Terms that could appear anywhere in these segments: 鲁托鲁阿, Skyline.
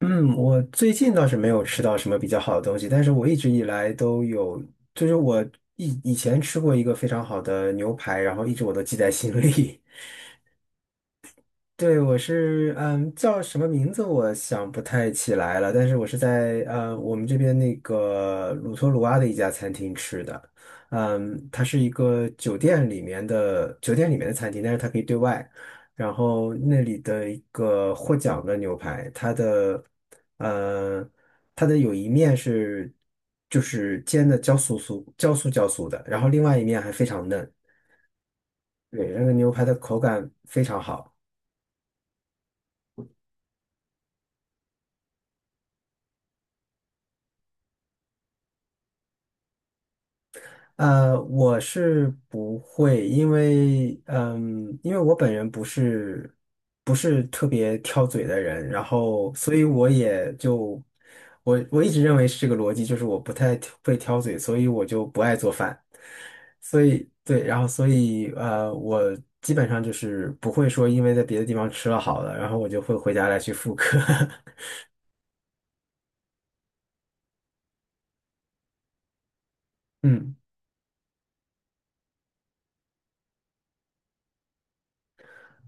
嗯，我最近倒是没有吃到什么比较好的东西，但是我一直以来都有，就是我以前吃过一个非常好的牛排，然后一直我都记在心里。对，我是叫什么名字我想不太起来了，但是我是在我们这边那个鲁托鲁阿的一家餐厅吃的，嗯，它是一个酒店里面的酒店里面的餐厅，但是它可以对外，然后那里的一个获奖的牛排，它的呃它的有一面是就是煎的焦酥酥焦酥的，然后另外一面还非常嫩，对，那个牛排的口感非常好。我是不会，因为因为我本人不是特别挑嘴的人，然后所以我也就我一直认为是这个逻辑，就是我不太挑嘴，所以我就不爱做饭，所以对，然后所以我基本上就是不会说因为在别的地方吃了好的，然后我就会回家来去复刻，嗯。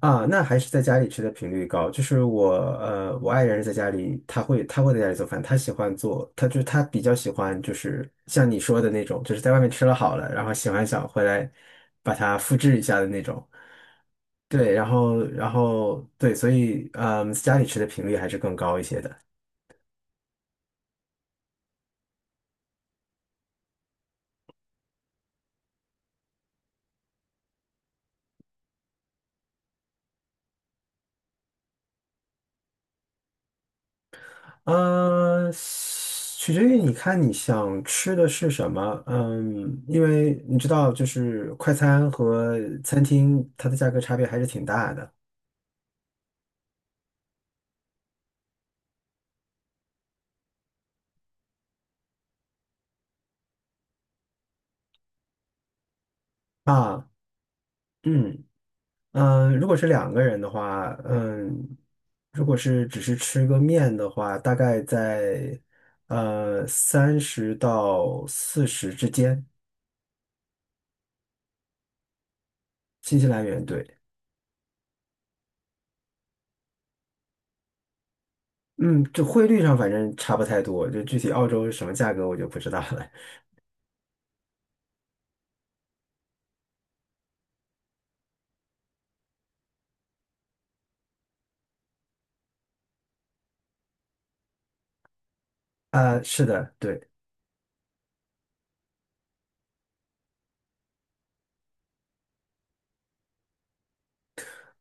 啊，那还是在家里吃的频率高。就是我，我爱人是在家里，他会在家里做饭，他喜欢做，他就是他比较喜欢，就是像你说的那种，就是在外面吃了好了，然后喜欢想回来把它复制一下的那种。对，然后对，所以嗯，家里吃的频率还是更高一些的。取决于你看你想吃的是什么，嗯，因为你知道，就是快餐和餐厅它的价格差别还是挺大的。啊，嗯如果是两个人的话，嗯，如果是只是吃个面的话，大概在三十到四十之间，新西兰元对，嗯，就汇率上反正差不太多，就具体澳洲是什么价格我就不知道了。啊，是的，对。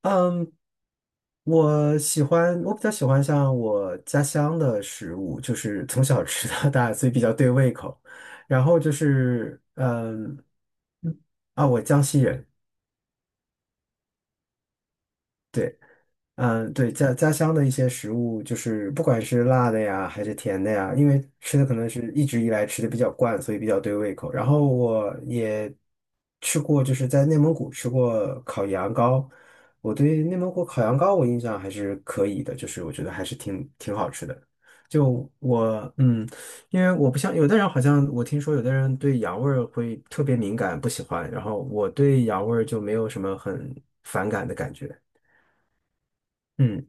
嗯，我喜欢，我比较喜欢像我家乡的食物，就是从小吃到大，所以比较对胃口。然后就是，嗯，啊，我江西人，对。嗯，对，家乡的一些食物，就是不管是辣的呀，还是甜的呀，因为吃的可能是一直以来吃的比较惯，所以比较对胃口。然后我也吃过，就是在内蒙古吃过烤羊羔，我对内蒙古烤羊羔我印象还是可以的，就是我觉得还是挺好吃的。就我因为我不像有的人，好像我听说有的人对羊味儿会特别敏感，不喜欢，然后我对羊味儿就没有什么很反感的感觉。嗯。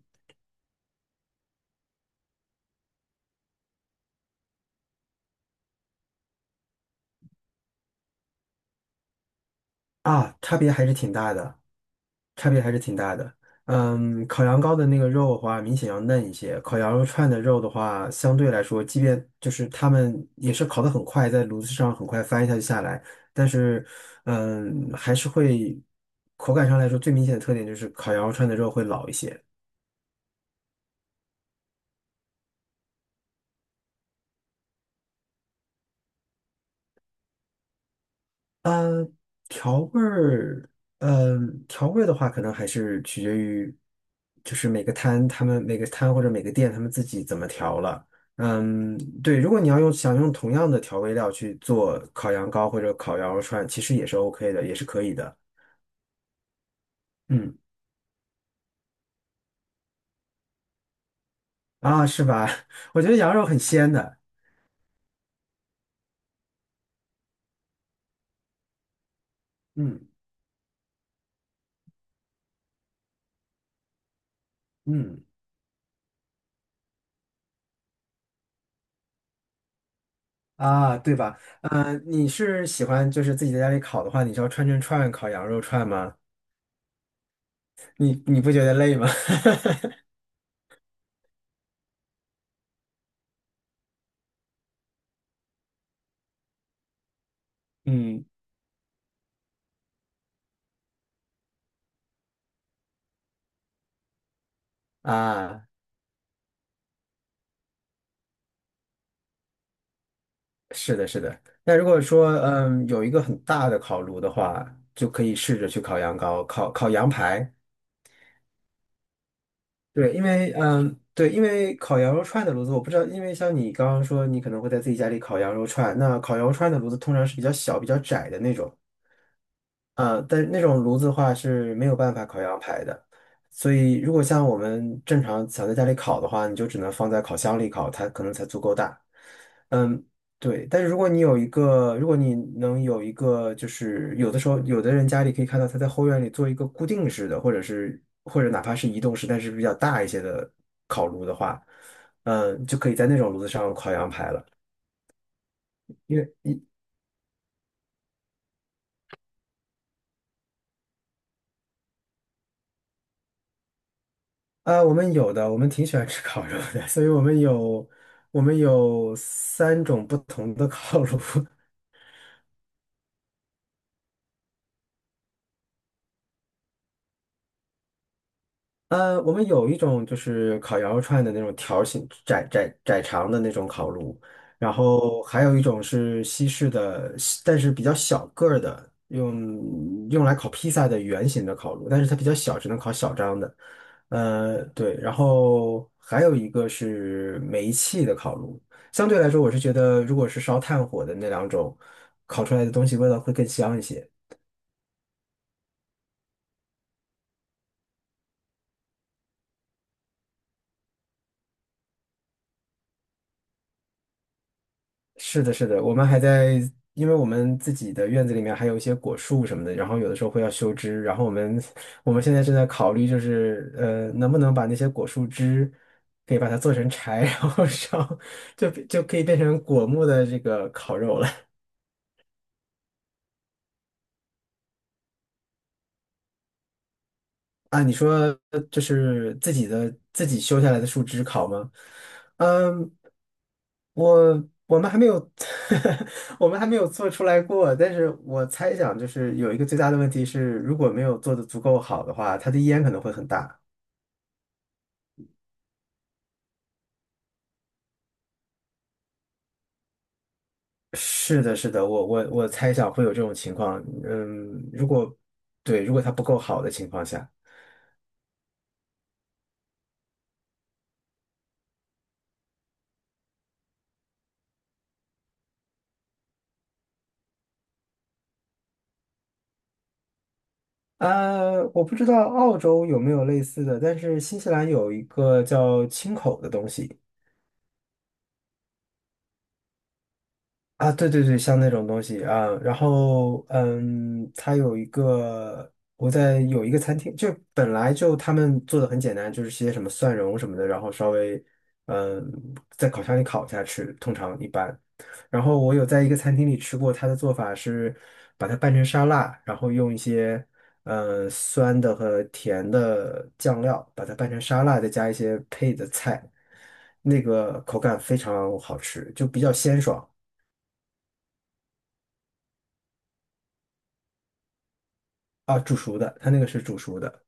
啊，差别还是挺大的，差别还是挺大的。嗯，烤羊羔的那个肉的话，明显要嫩一些；烤羊肉串的肉的话，相对来说，即便就是他们也是烤得很快，在炉子上很快翻一下就下来，但是，嗯，还是会口感上来说，最明显的特点就是烤羊肉串的肉会老一些。嗯，调味儿，呃，调味儿的话，可能还是取决于，就是每个摊或者每个店他们自己怎么调了。嗯，对，如果你要想用同样的调味料去做烤羊羔或者烤羊肉串，其实也是 OK 的，也是可以的。嗯，啊，是吧？我觉得羊肉很鲜的。嗯嗯。啊，对吧？嗯，你是喜欢就是自己在家里烤的话，你是要串烤羊肉串吗？你你不觉得累吗？嗯。啊，是的，是的。那如果说，嗯，有一个很大的烤炉的话，就可以试着去烤羊羔、烤羊排。对，因为，嗯，对，因为烤羊肉串的炉子，我不知道，因为像你刚刚说，你可能会在自己家里烤羊肉串，那烤羊肉串的炉子通常是比较小、比较窄的那种。但是那种炉子的话是没有办法烤羊排的，所以如果像我们正常想在家里烤的话，你就只能放在烤箱里烤，它可能才足够大。嗯，对。但是如果你有一个，如果你能有一个，就是有的时候有的人家里可以看到他在后院里做一个固定式的，或者是或者哪怕是移动式，但是比较大一些的烤炉的话，嗯，就可以在那种炉子上烤羊排了。因为。啊，我们有的，我们挺喜欢吃烤肉的，所以我们有三种不同的烤炉，我们有一种就是烤羊肉串的那种条形窄长的那种烤炉，然后还有一种是西式的，但是比较小个儿的，用来烤披萨的圆形的烤炉，但是它比较小，只能烤小张的。对，然后还有一个是煤气的烤炉。相对来说，我是觉得如果是烧炭火的那两种，烤出来的东西味道会更香一些。是的，是的，我们还在，因为我们自己的院子里面还有一些果树什么的，然后有的时候会要修枝，然后我们 我们现在正在考虑，就是能不能把那些果树枝可以把它做成柴，然后烧，就可以变成果木的这个烤肉了。啊，你说就是自己修下来的树枝烤吗？嗯，我我们还没有，我们还没有做出来过，但是我猜想就是有一个最大的问题是，如果没有做的足够好的话，它的烟可能会很大。是的，是的，我猜想会有这种情况。嗯，如果对，如果它不够好的情况下。我不知道澳洲有没有类似的，但是新西兰有一个叫青口的东西，啊，对对对，像那种东西啊，然后嗯，它有一个，有一个餐厅，就本来就他们做的很简单，就是些什么蒜蓉什么的，然后稍微嗯在烤箱里烤一下吃，通常一般。然后我有在一个餐厅里吃过，它的做法是把它拌成沙拉，然后用一些酸的和甜的酱料把它拌成沙拉，再加一些配的菜，那个口感非常好吃，就比较鲜爽。啊，煮熟的，它那个是煮熟的。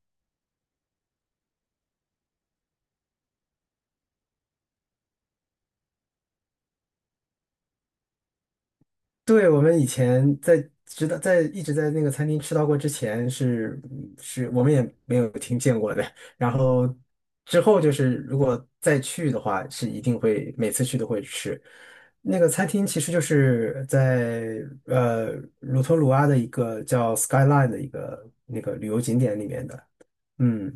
对，我们以前在直到在一直在那个餐厅吃到过之前是我们也没有听见过的。然后之后就是如果再去的话，是一定会每次去都会吃。那个餐厅其实就是在鲁托鲁阿的一个叫 Skyline 的一个那个旅游景点里面的。嗯，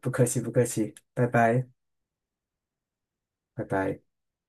不客气不客气，拜拜。